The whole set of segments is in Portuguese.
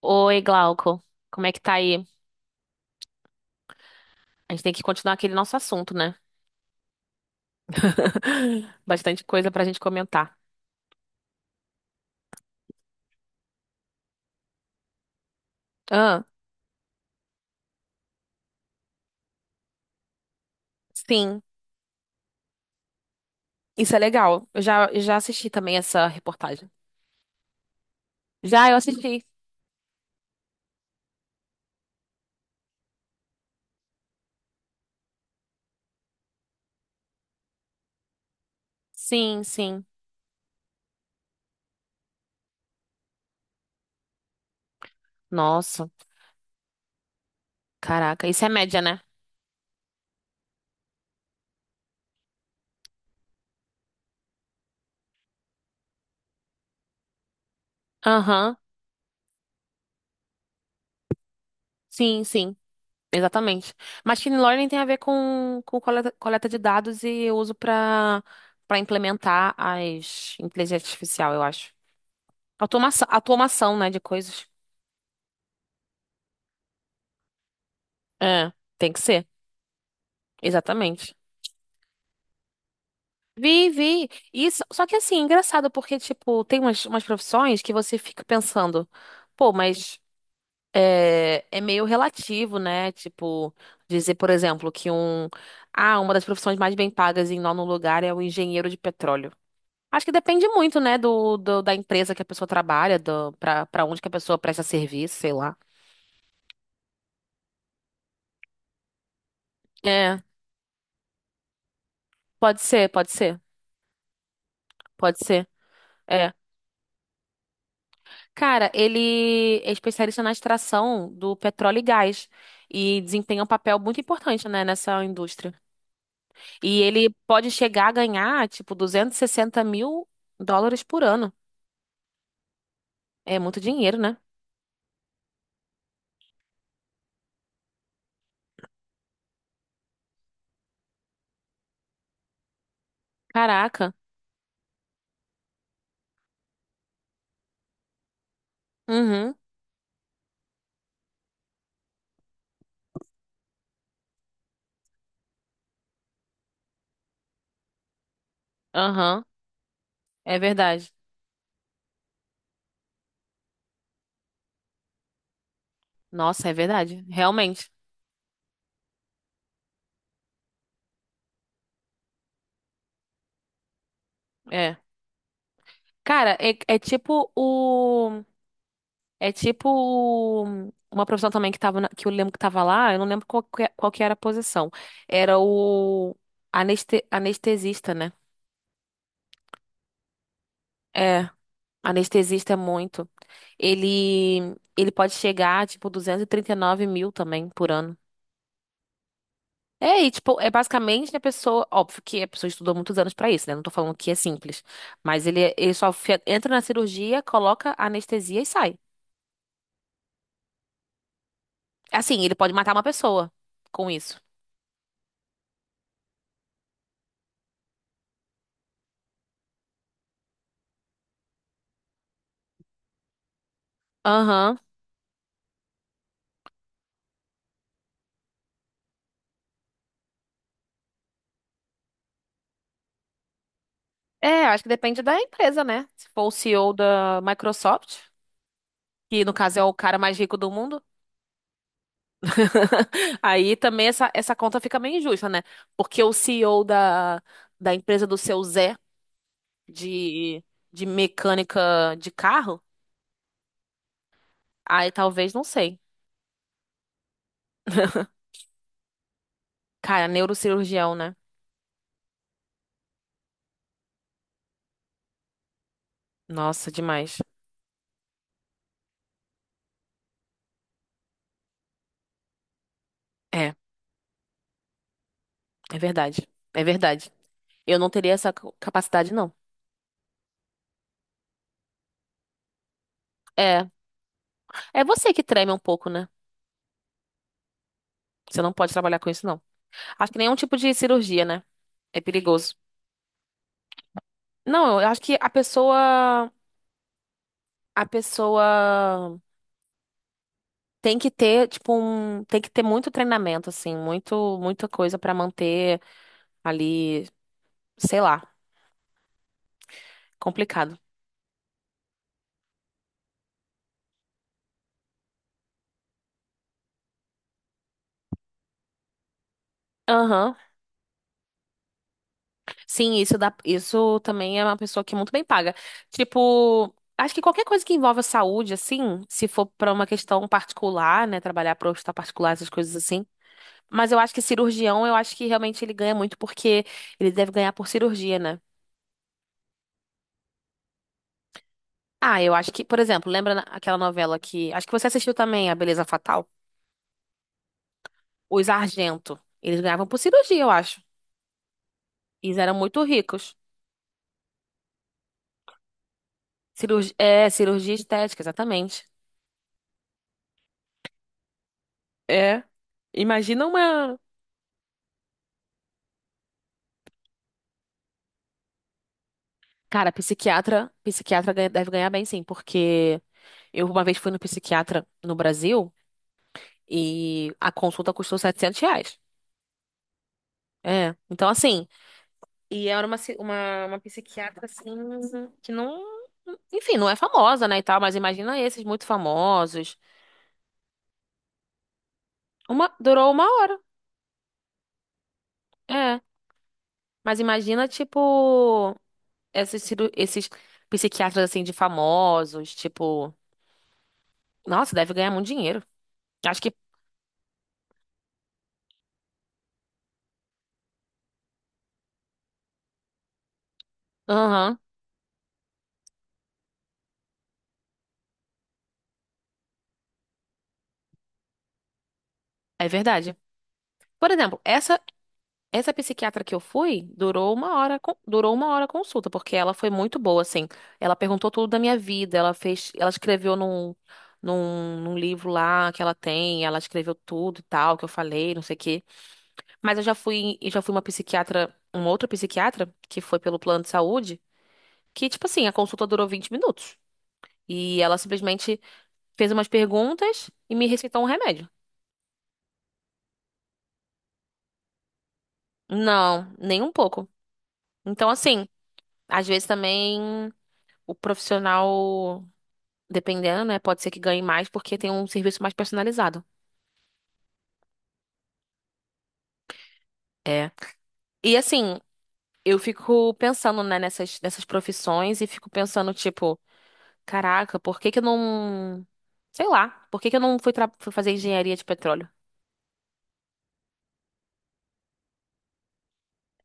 Oi, Glauco. Como é que tá aí? A gente tem que continuar aquele nosso assunto, né? Bastante coisa pra gente comentar. Ah, sim. Isso é legal. Eu já assisti também essa reportagem. Já eu assisti. Sim, sim. Nossa, caraca. Isso é média, né? Aham. Sim, sim. Exatamente. Machine learning tem a ver com coleta de dados e uso pra para implementar as inteligência artificial, eu acho. Automação, automação, né, de coisas. É, tem que ser. Exatamente. Vi, vi. Isso, só que assim, engraçado, porque, tipo, tem umas profissões que você fica pensando, pô, mas é meio relativo, né? Tipo, dizer, por exemplo, que uma das profissões mais bem pagas em nono lugar é o engenheiro de petróleo. Acho que depende muito, né, da empresa que a pessoa trabalha, pra onde que a pessoa presta serviço, sei lá. É, pode ser, pode ser, pode ser. É, cara, ele é especialista na extração do petróleo e gás e desempenha um papel muito importante, né, nessa indústria. E ele pode chegar a ganhar, tipo, US$ 260.000 por ano. É muito dinheiro, né? Caraca. Uhum. Aham. É verdade. Nossa, é verdade. Realmente. É. Cara, é tipo o. É tipo uma profissão também que que eu lembro que tava lá, eu não lembro qual que, qual que era a posição. Era o anestesista, né? É, anestesista é muito. Ele pode chegar a, tipo, 239.000 também por ano. É, e tipo, é basicamente a pessoa, óbvio que a pessoa estudou muitos anos pra isso, né? Não tô falando que é simples, mas ele só entra na cirurgia, coloca a anestesia e sai. Assim, ele pode matar uma pessoa com isso. Aham. É, acho que depende da empresa, né? Se for o CEO da Microsoft, que no caso é o cara mais rico do mundo, aí também essa conta fica meio injusta, né? Porque o CEO da empresa do seu Zé de, de mecânica de carro, aí talvez, não sei. Cara, neurocirurgião, né? Nossa, demais. É, é verdade. É verdade. Eu não teria essa capacidade, não. É, é você que treme um pouco, né? Você não pode trabalhar com isso, não. Acho que nenhum tipo de cirurgia, né? É perigoso. Não, eu acho que a pessoa tem que ter, tipo, tem que ter muito treinamento, assim, muito, muita coisa pra manter ali, sei lá, complicado. Aham. Sim, isso dá, isso também é uma pessoa que é muito bem paga. Tipo, acho que qualquer coisa que envolva saúde, assim, se for pra uma questão particular, né, trabalhar para hospital particular, essas coisas assim. Mas eu acho que cirurgião, eu acho que realmente ele ganha muito porque ele deve ganhar por cirurgia, né? Ah, eu acho que, por exemplo, lembra aquela novela que. Acho que você assistiu também, A Beleza Fatal? Os Argento. Eles ganhavam por cirurgia, eu acho. Eles eram muito ricos. É, cirurgia estética, exatamente. É. Imagina uma. Cara, psiquiatra, deve ganhar bem, sim, porque eu uma vez fui no psiquiatra no Brasil e a consulta custou R$ 700. É. Então, assim. E era uma psiquiatra, assim, que não... Enfim, não é famosa, né, e tal, mas imagina esses muito famosos. Durou uma hora, é. Mas imagina, tipo, esses psiquiatras, assim, de famosos, tipo... Nossa, deve ganhar muito dinheiro. Acho que... Aham, é verdade. Por exemplo, essa psiquiatra que eu fui durou uma hora, durou uma hora a consulta, porque ela foi muito boa, assim. Ela perguntou tudo da minha vida, ela fez, ela escreveu num livro lá que ela tem, ela escreveu tudo e tal, que eu falei, não sei o quê. Mas eu já fui uma psiquiatra, uma outra psiquiatra, que foi pelo plano de saúde, que, tipo assim, a consulta durou 20 minutos. E ela simplesmente fez umas perguntas e me receitou um remédio. Não, nem um pouco. Então, assim, às vezes também o profissional. Dependendo, né? Pode ser que ganhe mais porque tem um serviço mais personalizado. É. E assim, eu fico pensando, né, nessas profissões e fico pensando, tipo, caraca, por que que eu não. Sei lá, por que que eu não fui, fui fazer engenharia de petróleo?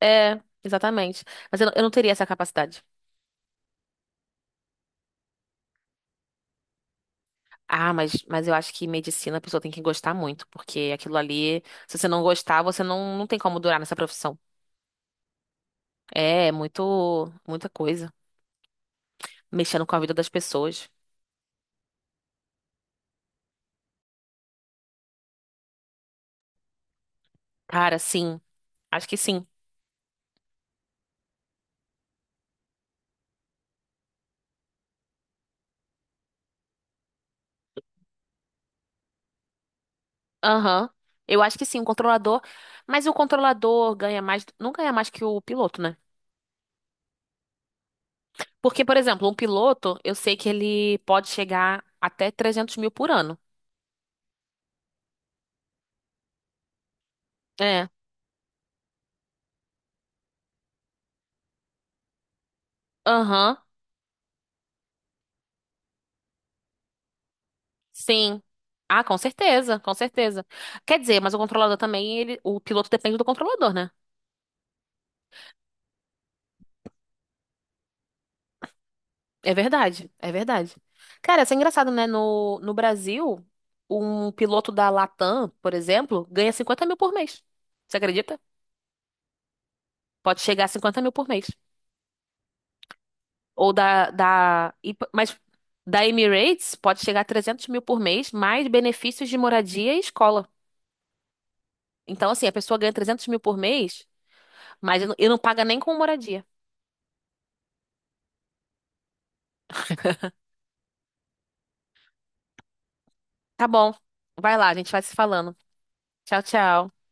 É, exatamente. Mas eu não teria essa capacidade. Ah, mas eu acho que medicina a pessoa tem que gostar muito, porque aquilo ali, se você não gostar, você não tem como durar nessa profissão. É muito, muita coisa. Mexendo com a vida das pessoas. Cara, sim, acho que sim. Aham. Eu acho que sim, o controlador. Mas o controlador ganha mais. Não ganha mais que o piloto, né? Porque, por exemplo, um piloto, eu sei que ele pode chegar até 300.000 por ano. É. Aham. Sim. Ah, com certeza, com certeza. Quer dizer, mas o controlador também, ele, o piloto depende do controlador, né? É verdade, é verdade. Cara, isso é engraçado, né? No Brasil, um piloto da Latam, por exemplo, ganha 50.000 por mês. Você acredita? Pode chegar a 50.000 por mês. Ou da, da, e- mas da Emirates pode chegar a 300.000 por mês, mais benefícios de moradia e escola. Então, assim, a pessoa ganha 300.000 por mês, mas e não paga nem com moradia. Tá bom. Vai lá, a gente vai se falando. Tchau, tchau.